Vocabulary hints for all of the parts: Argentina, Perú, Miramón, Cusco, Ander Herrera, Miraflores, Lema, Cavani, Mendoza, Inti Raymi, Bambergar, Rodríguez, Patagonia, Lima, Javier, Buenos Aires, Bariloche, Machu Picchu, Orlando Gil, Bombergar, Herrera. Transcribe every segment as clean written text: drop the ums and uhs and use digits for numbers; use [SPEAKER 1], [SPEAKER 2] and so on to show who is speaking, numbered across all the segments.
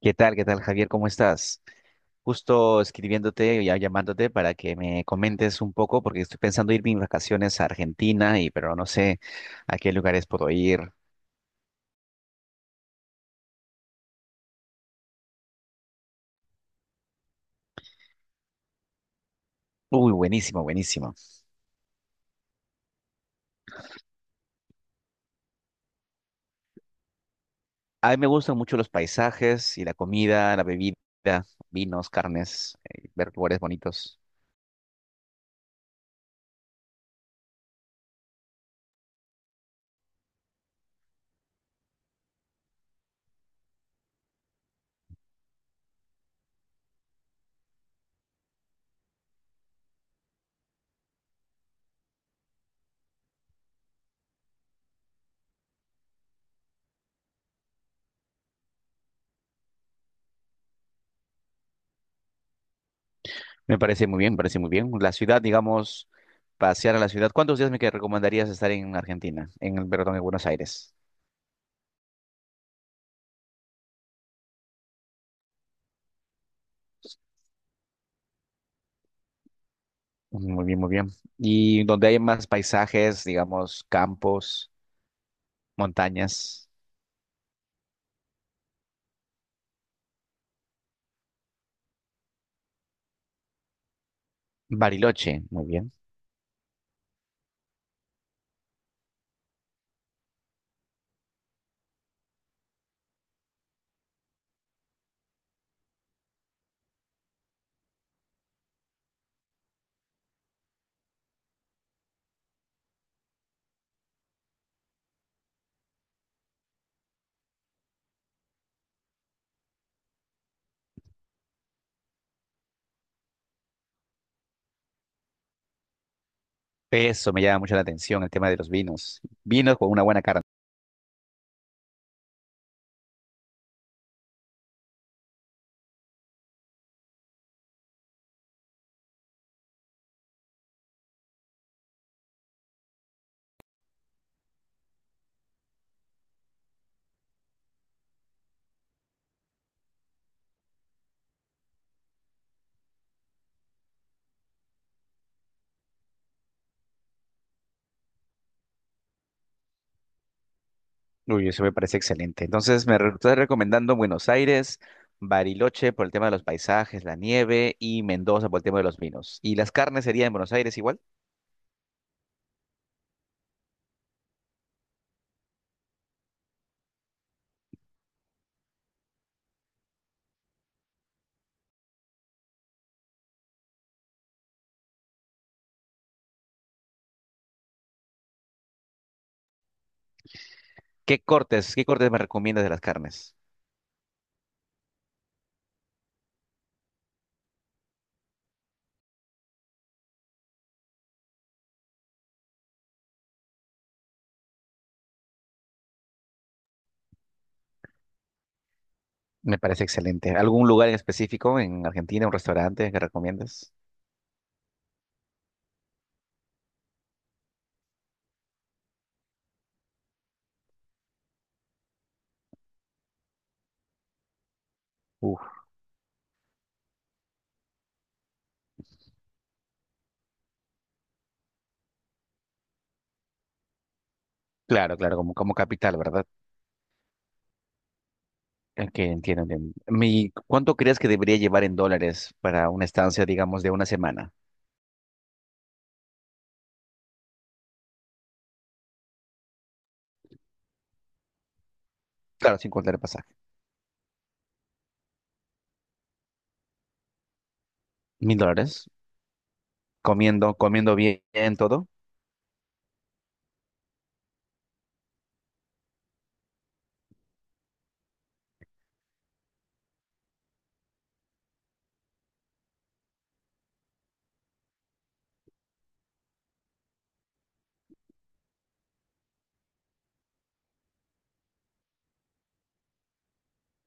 [SPEAKER 1] ¿Qué tal? ¿Qué tal, Javier? ¿Cómo estás? Justo escribiéndote y ya llamándote para que me comentes un poco, porque estoy pensando irme en vacaciones a Argentina, pero no sé a qué lugares puedo ir. Uy, buenísimo, buenísimo. A mí me gustan mucho los paisajes y la comida, la bebida, vinos, carnes, ver lugares bonitos. Me parece muy bien, me parece muy bien. La ciudad, digamos, pasear a la ciudad. ¿Cuántos días me que recomendarías estar en Argentina, en, perdón, en Buenos Aires? Muy bien, muy bien. Y donde hay más paisajes, digamos, campos, montañas, Bariloche, muy bien. Eso me llama mucho la atención, el tema de los vinos. Vinos con una buena carne. Uy, eso me parece excelente. Entonces, estás recomendando Buenos Aires, Bariloche por el tema de los paisajes, la nieve y Mendoza por el tema de los vinos. ¿Y las carnes serían en Buenos Aires igual? Qué cortes me recomiendas de las carnes? Me parece excelente. ¿Algún lugar en específico en Argentina, un restaurante que recomiendas? Uf. Claro, claro, como, como capital, ¿verdad? Que entiendo, entiendo. ¿Cuánto crees que debería llevar en dólares para una estancia, digamos, de una semana? Claro, sin contar el pasaje. ¿Mil dólares? ¿Comiendo, comiendo bien, todo?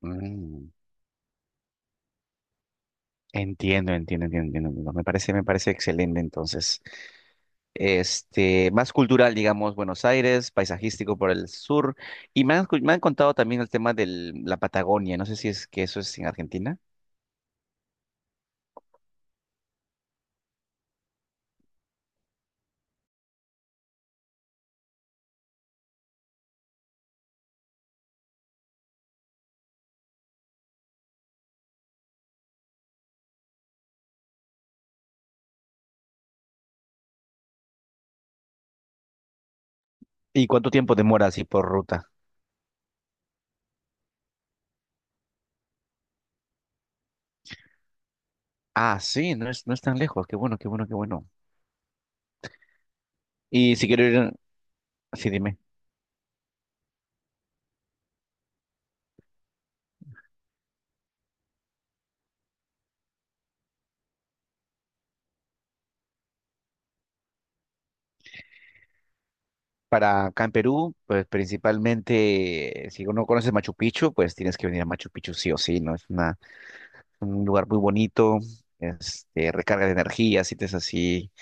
[SPEAKER 1] Mm, entiendo, entiendo, entiendo, entiendo. Entiendo. Me parece excelente, entonces. Este, más cultural, digamos, Buenos Aires, paisajístico por el sur. Y me han contado también el tema de la Patagonia. No sé si es que eso es en Argentina. ¿Y cuánto tiempo demora así por ruta? Ah, sí, no es, no es tan lejos. Qué bueno, qué bueno, qué bueno. Y si quiero ir, sí, dime. Para acá en Perú, pues principalmente, si uno conoce Machu Picchu, pues tienes que venir a Machu Picchu sí o sí, ¿no? Un lugar muy bonito, este, recarga de energía, sientes así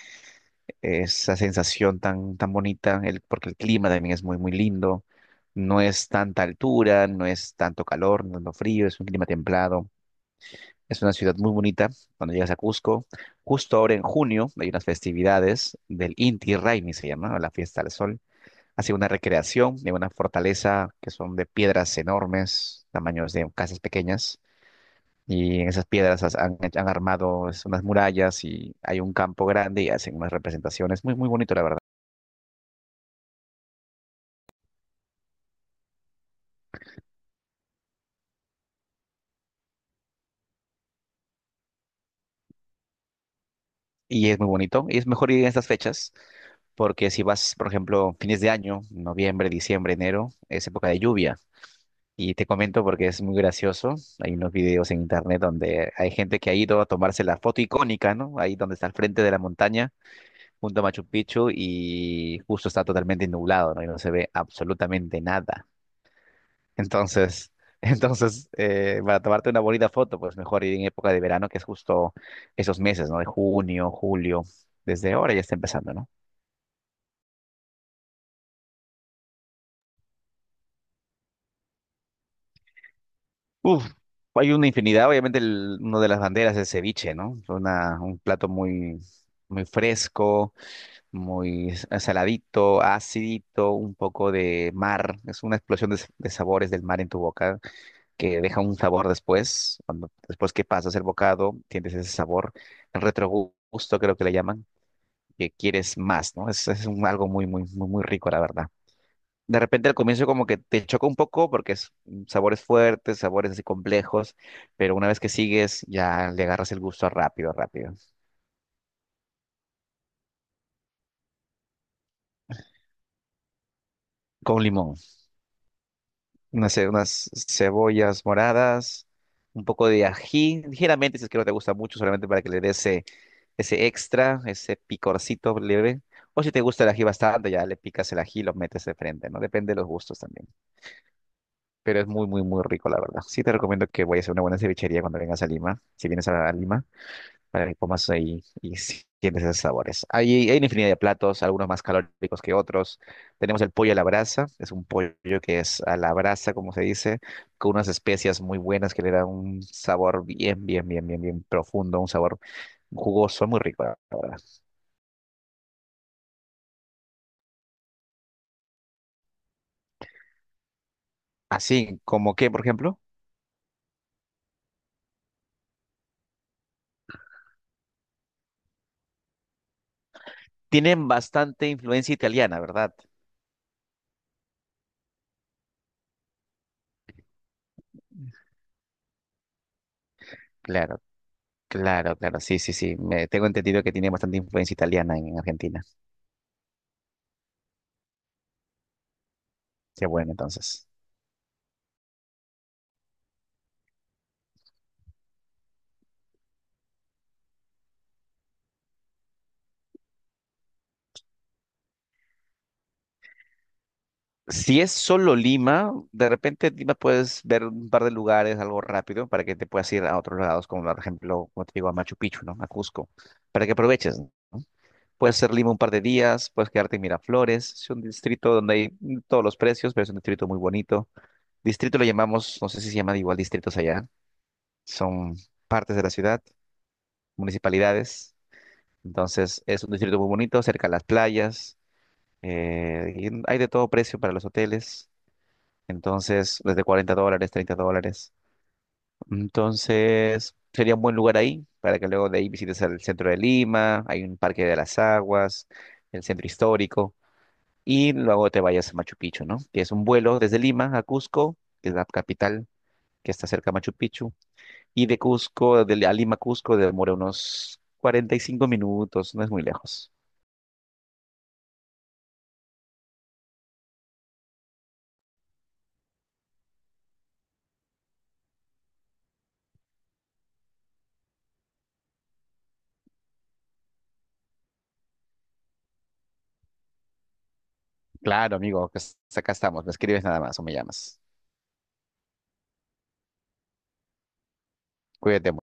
[SPEAKER 1] esa sensación tan, tan bonita, porque el clima también es muy, muy lindo. No es tanta altura, no es tanto calor, no es lo frío, es un clima templado. Es una ciudad muy bonita cuando llegas a Cusco. Justo ahora en junio hay unas festividades del Inti Raymi, se llama, la fiesta del sol. Hace una recreación de una fortaleza que son de piedras enormes, tamaños de casas pequeñas. Y en esas piedras han armado unas murallas y hay un campo grande y hacen unas representaciones. Muy, muy bonito, la verdad. Y es muy bonito. Y es mejor ir en estas fechas porque si vas, por ejemplo, fines de año, noviembre, diciembre, enero, es época de lluvia. Y te comento porque es muy gracioso. Hay unos videos en internet donde hay gente que ha ido a tomarse la foto icónica, ¿no? Ahí donde está al frente de la montaña, junto a Machu Picchu, y justo está totalmente nublado, ¿no? Y no se ve absolutamente nada. Entonces, entonces para tomarte una bonita foto, pues mejor ir en época de verano, que es justo esos meses, ¿no? De junio, julio. Desde ahora ya está empezando, ¿no? Uf, hay una infinidad. Obviamente, una de las banderas es ceviche, ¿no? Una, un plato muy, muy fresco muy saladito, acidito, un poco de mar. Es una explosión de sabores del mar en tu boca que deja un sabor después. Cuando, después que pasas el bocado, tienes ese sabor, el retrogusto creo que le llaman, que quieres más, ¿no? Es, algo muy, muy, muy, muy rico, la verdad. De repente al comienzo como que te choca un poco porque es sabores fuertes, sabores así complejos, pero una vez que sigues ya le agarras el gusto rápido, rápido. Con limón. Unas, ce- unas cebollas moradas, un poco de ají, ligeramente si es que no te gusta mucho, solamente para que le dé ese, ese extra, ese picorcito leve. O si te gusta el ají bastante, ya le picas el ají y lo metes de frente, ¿no? Depende de los gustos también. Pero es muy, muy, muy rico, la verdad. Sí te recomiendo que vayas a una buena cevichería cuando vengas a Lima, si vienes a Lima para que comas ahí y sientes esos sabores. Hay una infinidad de platos, algunos más calóricos que otros. Tenemos el pollo a la brasa, es un pollo que es a la brasa, como se dice, con unas especias muy buenas que le dan un sabor bien, bien, bien, bien, bien profundo, un sabor jugoso, muy rico, la verdad. Así como que, por ejemplo, tienen bastante influencia italiana, ¿verdad? Claro. Claro, claro, sí, sí, sí. Tengo entendido que tiene bastante influencia italiana en Argentina. Qué bueno, entonces. Si es solo Lima, de repente en Lima puedes ver un par de lugares, algo rápido, para que te puedas ir a otros lados, como por ejemplo, como te digo, a Machu Picchu, ¿no? A Cusco, para que aproveches, ¿no? Puedes ser Lima un par de días, puedes quedarte en Miraflores, es un distrito donde hay todos los precios, pero es un distrito muy bonito. Distrito lo llamamos, no sé si se llaman igual distritos allá, son partes de la ciudad, municipalidades, entonces es un distrito muy bonito, cerca a las playas, y hay de todo precio para los hoteles. Entonces, desde $40, $30. Entonces, sería un buen lugar ahí para que luego de ahí visites el centro de Lima, hay un parque de las aguas, el centro histórico, y luego te vayas a Machu Picchu, ¿no? Tienes un vuelo desde Lima a Cusco, que es la capital que está cerca de Machu Picchu, y de Cusco, a Lima, Cusco, demora unos 45 minutos, no es muy lejos. Claro, amigo, pues, acá estamos, me escribes nada más o me llamas. Cuídate. Mucho.